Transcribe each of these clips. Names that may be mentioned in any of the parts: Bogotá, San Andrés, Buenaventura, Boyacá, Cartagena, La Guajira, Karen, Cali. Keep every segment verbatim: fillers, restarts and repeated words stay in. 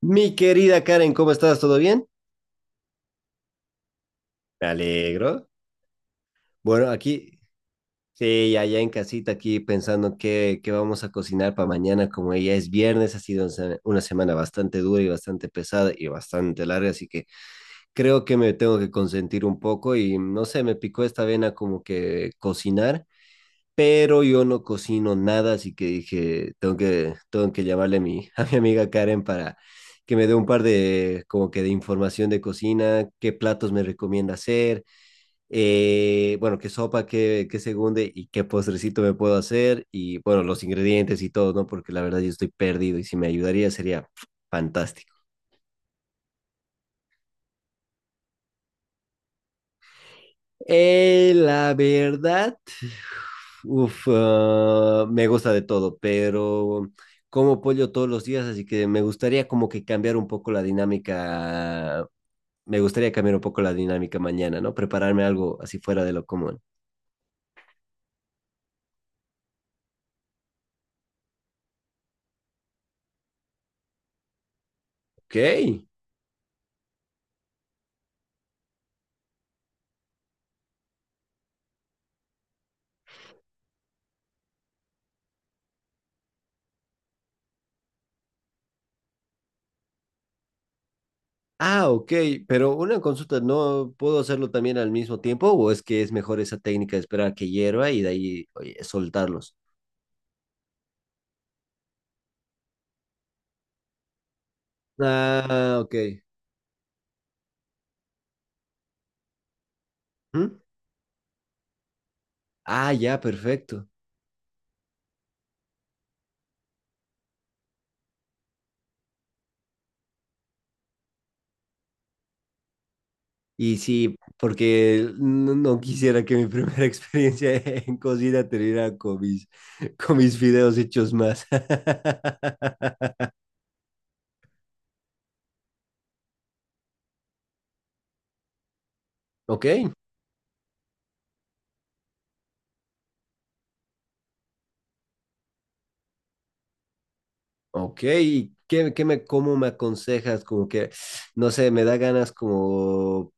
Mi querida Karen, ¿cómo estás? ¿Todo bien? Me alegro. Bueno, aquí, sí, allá en casita, aquí pensando qué, qué vamos a cocinar para mañana, como ya es viernes, ha sido se- una semana bastante dura y bastante pesada y bastante larga, así que creo que me tengo que consentir un poco y no sé, me picó esta vena como que cocinar, pero yo no cocino nada, así que dije, tengo que, tengo que llamarle a mi, a mi amiga Karen para que me dé un par de, como que de información de cocina, qué platos me recomienda hacer, eh, bueno, qué sopa, qué, qué segunde y qué postrecito me puedo hacer y bueno, los ingredientes y todo, ¿no? Porque la verdad yo estoy perdido y si me ayudaría sería fantástico. Eh, la verdad, uf, ah, me gusta de todo, pero como pollo todos los días, así que me gustaría como que cambiar un poco la dinámica. Me gustaría cambiar un poco la dinámica mañana, ¿no? Prepararme algo así fuera de lo común. Ok. Ah, ok, pero una consulta, ¿no puedo hacerlo también al mismo tiempo o es que es mejor esa técnica de esperar a que hierva y de ahí oye, soltarlos? Ah, ok. ¿Mm? Ah, ya, perfecto. Y sí, porque no, no quisiera que mi primera experiencia en cocina terminara con mis, con mis videos hechos más. Ok, ok. ¿Y ¿Qué, qué me, cómo me aconsejas? Como que, no sé, me da ganas como,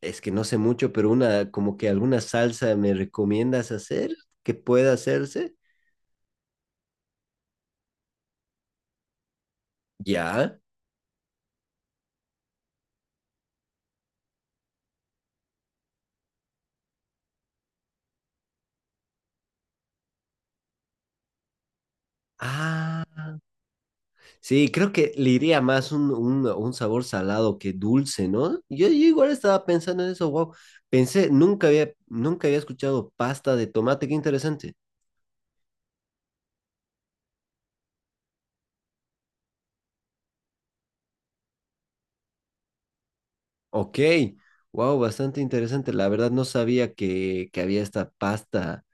es que no sé mucho, pero una, como que alguna salsa me recomiendas hacer que pueda hacerse. Ya. Ah. Sí, creo que le iría más un, un- un sabor salado que dulce, ¿no? Yo, yo igual estaba pensando en eso, wow. Pensé, nunca había, nunca había escuchado pasta de tomate, qué interesante. Ok, wow, bastante interesante. La verdad no sabía que, que había esta pasta,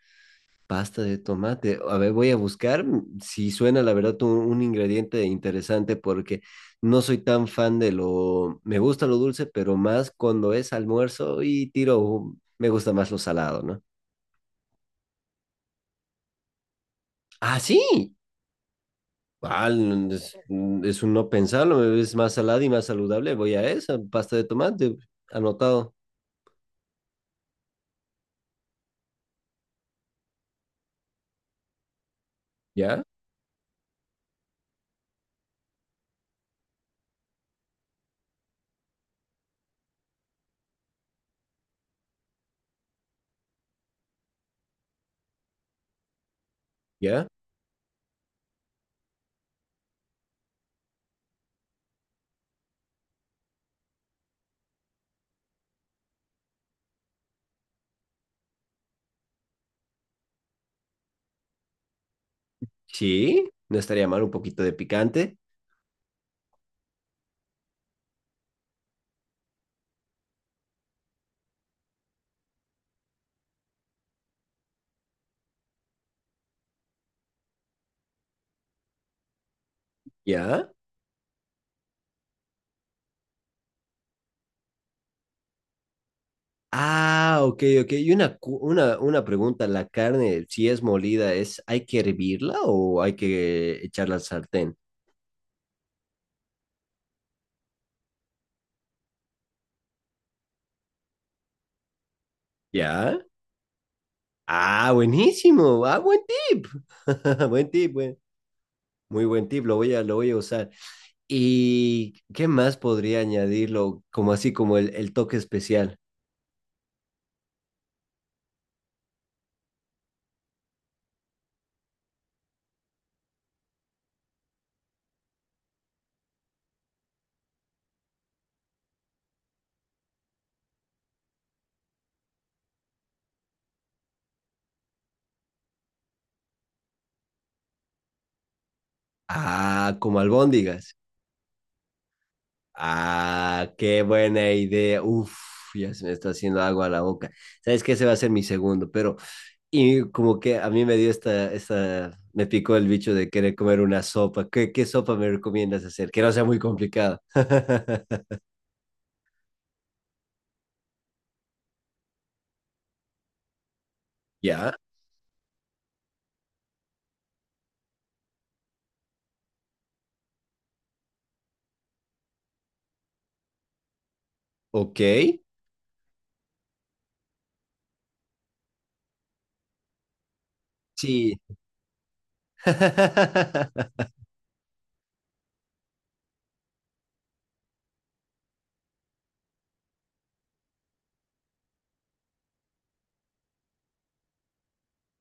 pasta de tomate. A ver, voy a buscar mm, si suena, la verdad, un, un ingrediente interesante porque no soy tan fan de lo, me gusta lo dulce, pero más cuando es almuerzo y tiro, me gusta más lo salado, ¿no? Ah, sí. Ah, n- es, mm, es un no pensarlo, es más salada y más saludable. Voy a esa, pasta de tomate, anotado. ¿Ya? ¿Ya? Sí, no estaría mal un poquito de picante. ¿Ya? Ah, ok, ok. Y una, cu- una, una pregunta, ¿la carne, si es molida, es, hay que hervirla o hay que echarla al sartén? ¿Ya? Ah, buenísimo. Ah, buen tip. Buen tip, buen- muy buen tip. Lo voy a, lo voy a usar. ¿Y qué más podría añadirlo? Como así, como el, el toque especial. Ah, como albóndigas. Ah, qué buena idea. Uf, ya se me está haciendo agua a la boca. Sabes que ese va a ser mi segundo, pero y como que a mí me dio esta, esta, me picó el bicho de querer comer una sopa. ¿Qué, qué sopa me recomiendas hacer? Que no sea muy complicada. ¿Ya? ¿Ok? Sí.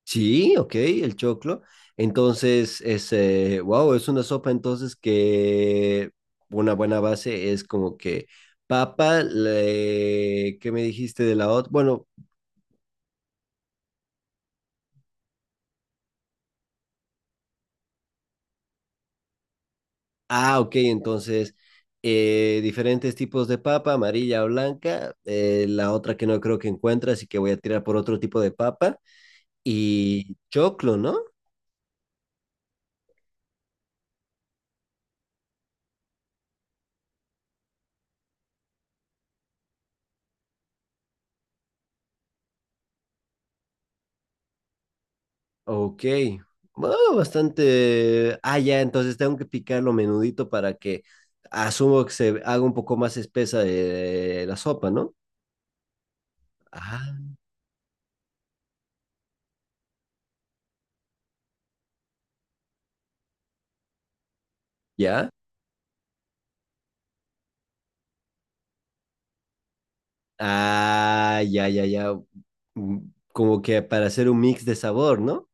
Sí, ok, el choclo. Entonces, es, eh, wow, es una sopa entonces que una buena base es como que papa, le, ¿qué me dijiste de la otra? Bueno, ah, ok, entonces eh, diferentes tipos de papa, amarilla o blanca, eh, la otra que no creo que encuentre, así que voy a tirar por otro tipo de papa y choclo, ¿no? Ok, bueno, bastante. Ah, ya, entonces tengo que picarlo menudito para que asumo que se haga un poco más espesa eh, la sopa, ¿no? Ah, ya. Ah, ya, ya, ya. Mm, como que para hacer un mix de sabor, ¿no?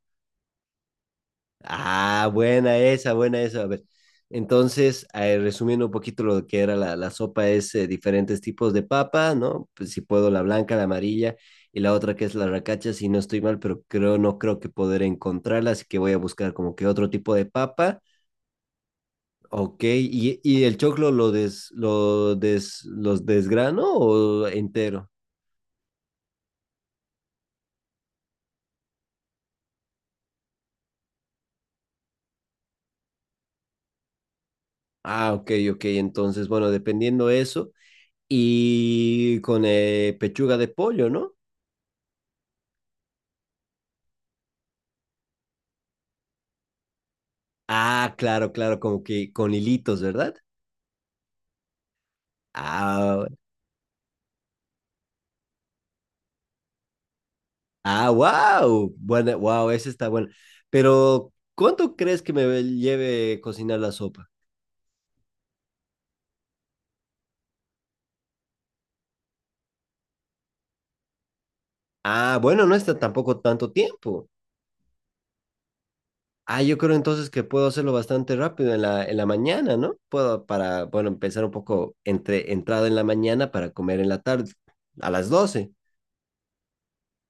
Ah, buena esa, buena esa. A ver, entonces, eh, resumiendo un poquito lo que era la, la sopa, es eh, diferentes tipos de papa, ¿no? Pues si puedo, la blanca, la amarilla y la otra que es la racacha, si no estoy mal, pero creo, no creo que poder encontrarla, así que voy a buscar como que otro tipo de papa. Ok, ¿y, y el choclo lo des, lo des, los desgrano o entero? Ah, ok, ok, entonces, bueno, dependiendo eso, y con eh, pechuga de pollo, ¿no? Ah, claro, claro, como que con hilitos, ¿verdad? Ah, ah, wow. Bueno, wow, ese está bueno. Pero, ¿cuánto crees que me lleve cocinar la sopa? Ah, bueno, no está tampoco tanto tiempo. Ah, yo creo entonces que puedo hacerlo bastante rápido en la, en la mañana, ¿no? Puedo para, bueno, empezar un poco entre entrada en la mañana para comer en la tarde, a las doce,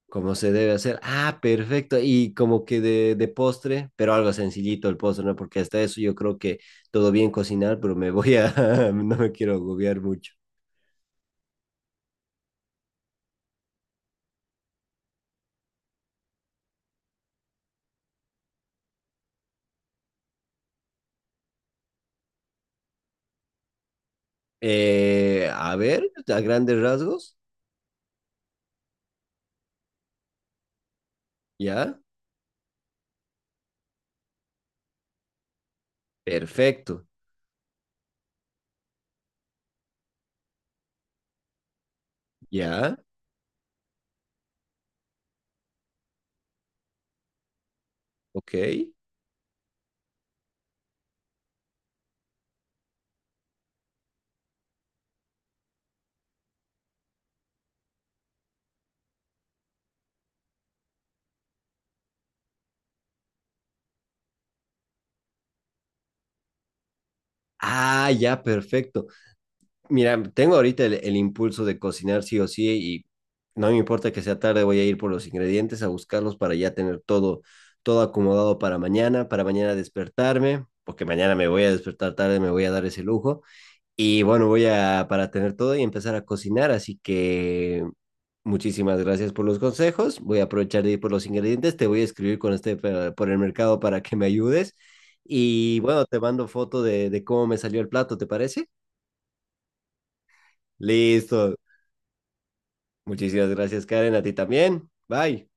como se debe hacer. Ah, perfecto. Y como que de, de postre, pero algo sencillito el postre, ¿no? Porque hasta eso yo creo que todo bien cocinar, pero me voy a, no me quiero agobiar mucho. Eh, a ver, a grandes rasgos, ya, perfecto, ya, ok. Ah, ya, perfecto. Mira, tengo ahorita el, el impulso de cocinar sí o sí y no me importa que sea tarde, voy a ir por los ingredientes a buscarlos para ya tener todo, todo acomodado para mañana, para mañana despertarme, porque mañana me voy a despertar tarde, me voy a dar ese lujo. Y bueno, voy a, para tener todo y empezar a cocinar, así que muchísimas gracias por los consejos, voy a aprovechar de ir por los ingredientes, te voy a escribir con este eh, por el mercado para que me ayudes. Y bueno, te mando foto de, de cómo me salió el plato, ¿te parece? Listo, muchísimas gracias, Karen. A ti también. Bye.